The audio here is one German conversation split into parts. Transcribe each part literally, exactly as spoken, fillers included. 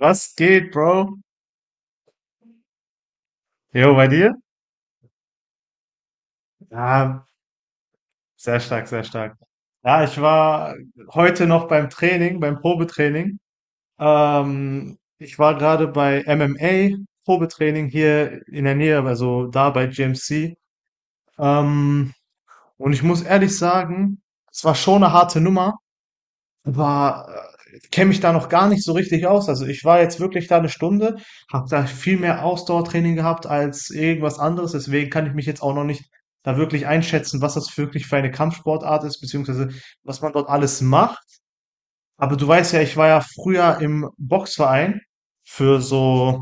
Was geht, Bro? Jo, bei dir? Ja, sehr stark, sehr stark. Ja, ich war heute noch beim Training, beim Probetraining. Ähm, ich war gerade bei M M A Probetraining hier in der Nähe, also da bei G M C. Ähm, und ich muss ehrlich sagen, es war schon eine harte Nummer. war, Kenne mich da noch gar nicht so richtig aus. Also ich war jetzt wirklich da eine Stunde, habe da viel mehr Ausdauertraining gehabt als irgendwas anderes. Deswegen kann ich mich jetzt auch noch nicht da wirklich einschätzen, was das wirklich für eine Kampfsportart ist, beziehungsweise was man dort alles macht. Aber du weißt ja, ich war ja früher im Boxverein für so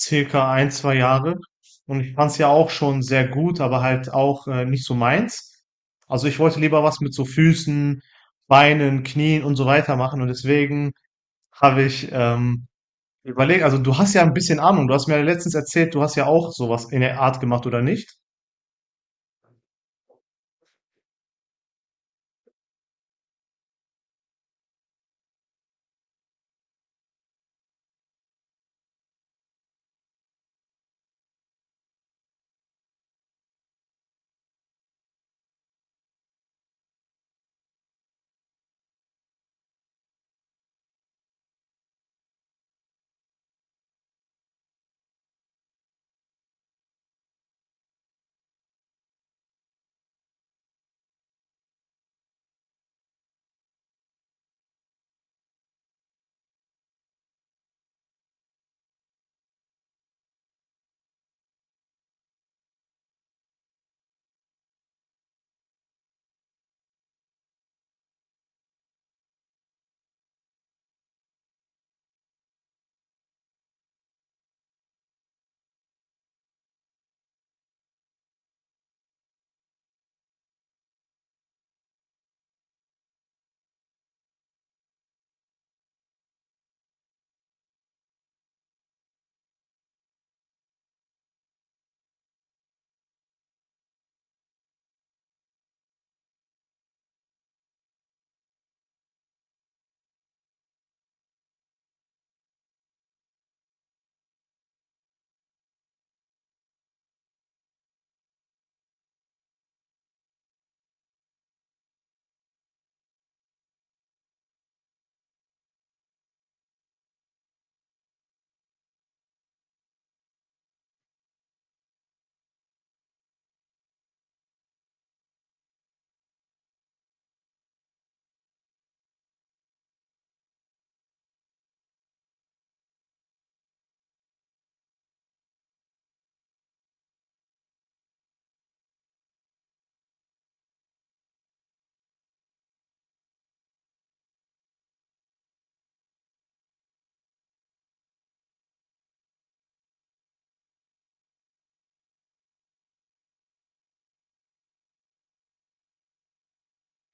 circa ein zwei Jahre. Und ich fand es ja auch schon sehr gut, aber halt auch, äh, nicht so meins. Also ich wollte lieber was mit so Füßen, Beinen, Knien und so weiter machen. Und deswegen habe ich ähm, überlegt, also du hast ja ein bisschen Ahnung. Du hast mir ja letztens erzählt, du hast ja auch sowas in der Art gemacht, oder nicht?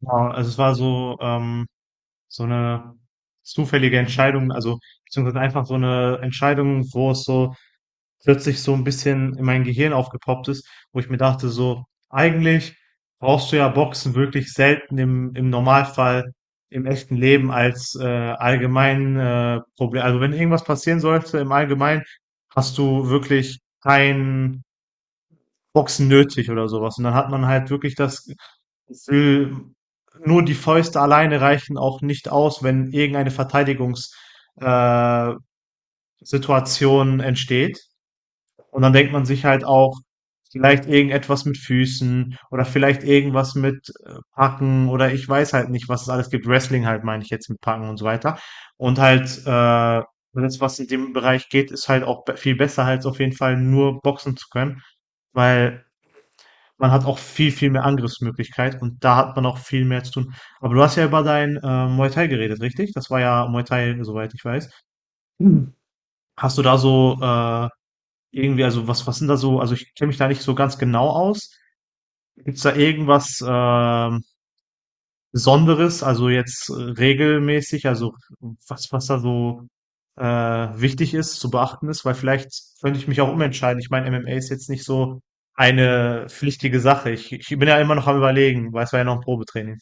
Ja, also es war so, ähm, so eine zufällige Entscheidung, also beziehungsweise einfach so eine Entscheidung, wo es so plötzlich so ein bisschen in mein Gehirn aufgepoppt ist, wo ich mir dachte so: „Eigentlich brauchst du ja Boxen wirklich selten im im Normalfall im echten Leben als, äh, allgemein, äh, Proble also, wenn irgendwas passieren sollte im Allgemeinen, hast du wirklich kein Boxen nötig oder sowas. Und dann hat man halt wirklich das Gefühl, nur die Fäuste alleine reichen auch nicht aus, wenn irgendeine Verteidigungs äh, Situation entsteht. Und dann denkt man sich halt auch, vielleicht irgendetwas mit Füßen oder vielleicht irgendwas mit äh, Packen oder ich weiß halt nicht, was es alles gibt. Wrestling halt meine ich jetzt mit Packen und so weiter. Und halt, äh, das, was in dem Bereich geht, ist halt auch be- viel besser, als auf jeden Fall nur boxen zu können, weil man hat auch viel, viel mehr Angriffsmöglichkeit und da hat man auch viel mehr zu tun. Aber du hast ja über dein äh, Muay Thai geredet, richtig? Das war ja Muay Thai, soweit ich weiß. Mhm. Hast du da so äh, irgendwie, also was, was sind da so, also ich kenne mich da nicht so ganz genau aus. Gibt's da irgendwas ähm, Besonderes, also jetzt äh, regelmäßig, also was, was da so äh, wichtig ist, zu beachten ist? Weil vielleicht könnte ich mich auch umentscheiden. Ich meine, M M A ist jetzt nicht so eine pflichtige Sache. Ich, ich bin ja immer noch am Überlegen, weil es war ja noch ein Probetraining.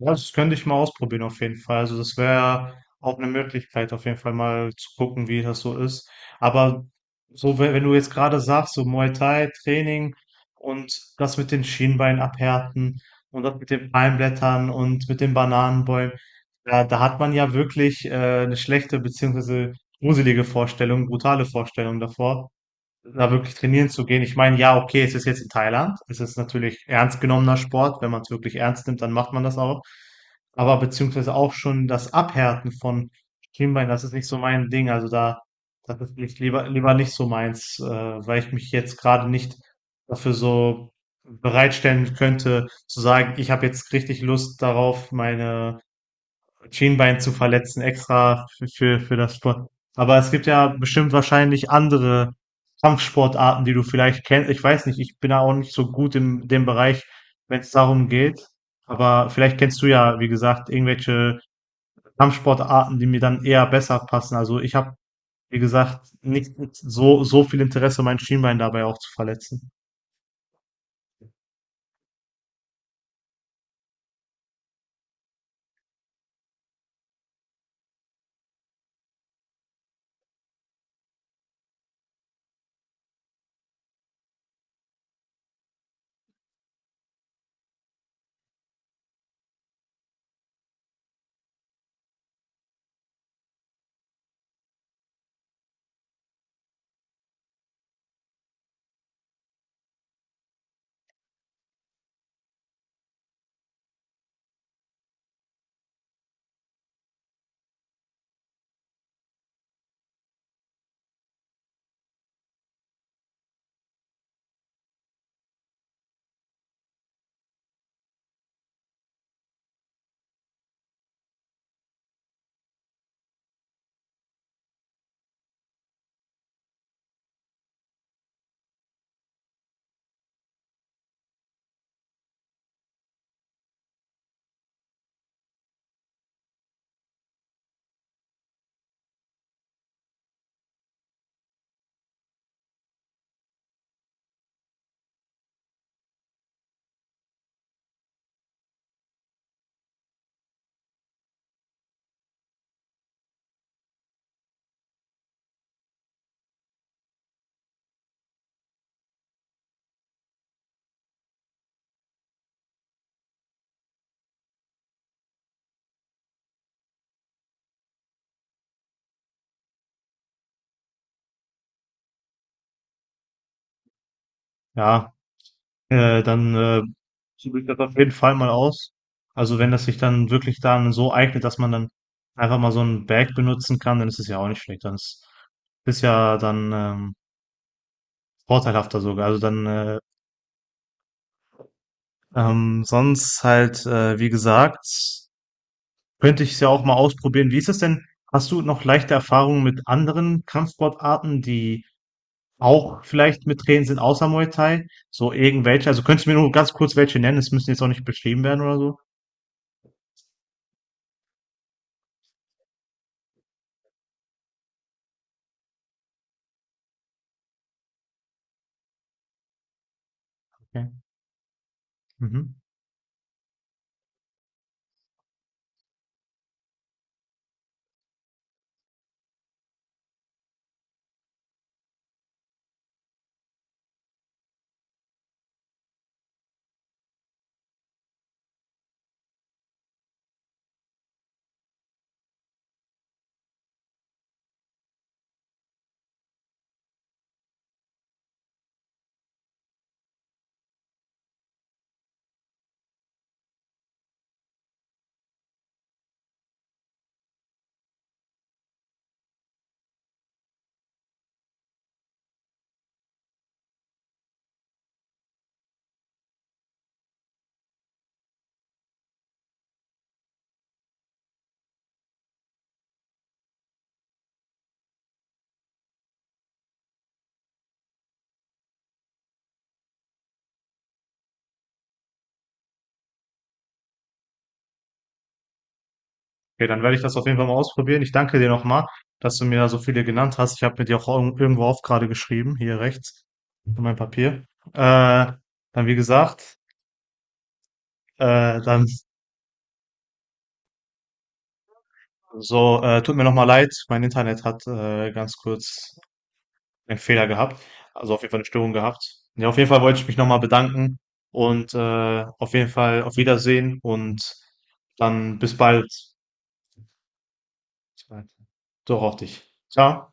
Ja, das könnte ich mal ausprobieren auf jeden Fall. Also das wäre auch eine Möglichkeit, auf jeden Fall mal zu gucken, wie das so ist. Aber so, wenn, wenn du jetzt gerade sagst, so Muay Thai Training und das mit den Schienbeinen abhärten und das mit den Palmblättern und mit den Bananenbäumen, da, da hat man ja wirklich äh, eine schlechte beziehungsweise gruselige Vorstellung, brutale Vorstellung davor da wirklich trainieren zu gehen. Ich meine, ja, okay, es ist jetzt in Thailand. Es ist natürlich ernst genommener Sport. Wenn man es wirklich ernst nimmt, dann macht man das auch. Aber beziehungsweise auch schon das Abhärten von Schienbein, das ist nicht so mein Ding. Also da, das ist nicht, lieber, lieber nicht so meins, äh, weil ich mich jetzt gerade nicht dafür so bereitstellen könnte, zu sagen, ich habe jetzt richtig Lust darauf, meine Schienbein zu verletzen extra für, für, für das Sport. Aber es gibt ja bestimmt wahrscheinlich andere Kampfsportarten, die du vielleicht kennst. Ich weiß nicht, ich bin da auch nicht so gut in dem Bereich, wenn es darum geht. Aber vielleicht kennst du ja, wie gesagt, irgendwelche Kampfsportarten, die mir dann eher besser passen. Also ich habe, wie gesagt, nicht so, so viel Interesse, mein Schienbein dabei auch zu verletzen. Ja, äh, dann äh, probiere ich das auf jeden Fall mal aus. Also wenn das sich dann wirklich dann so eignet, dass man dann einfach mal so ein Bag benutzen kann, dann ist es ja auch nicht schlecht. Dann ist, ist ja dann ähm, vorteilhafter sogar. Also dann äh, ähm, sonst halt, äh, wie gesagt, könnte ich es ja auch mal ausprobieren. Wie ist es denn? Hast du noch leichte Erfahrungen mit anderen Kampfsportarten, die auch vielleicht mit Training sind, außer Muay Thai? So irgendwelche? Also könntest du mir nur ganz kurz welche nennen? Es müssen jetzt auch nicht beschrieben werden oder so. Okay. Mhm. Okay, dann werde ich das auf jeden Fall mal ausprobieren. Ich danke dir nochmal, dass du mir da so viele genannt hast. Ich habe mir die auch irgend- irgendwo auf gerade geschrieben, hier rechts, in meinem Papier. Äh, Dann wie gesagt, äh, dann so, äh, tut mir nochmal leid, mein Internet hat äh, ganz kurz einen Fehler gehabt. Also auf jeden Fall eine Störung gehabt. Ja, auf jeden Fall wollte ich mich nochmal bedanken und äh, auf jeden Fall auf Wiedersehen und dann bis bald. Bis bald. Doch auf dich. Ciao.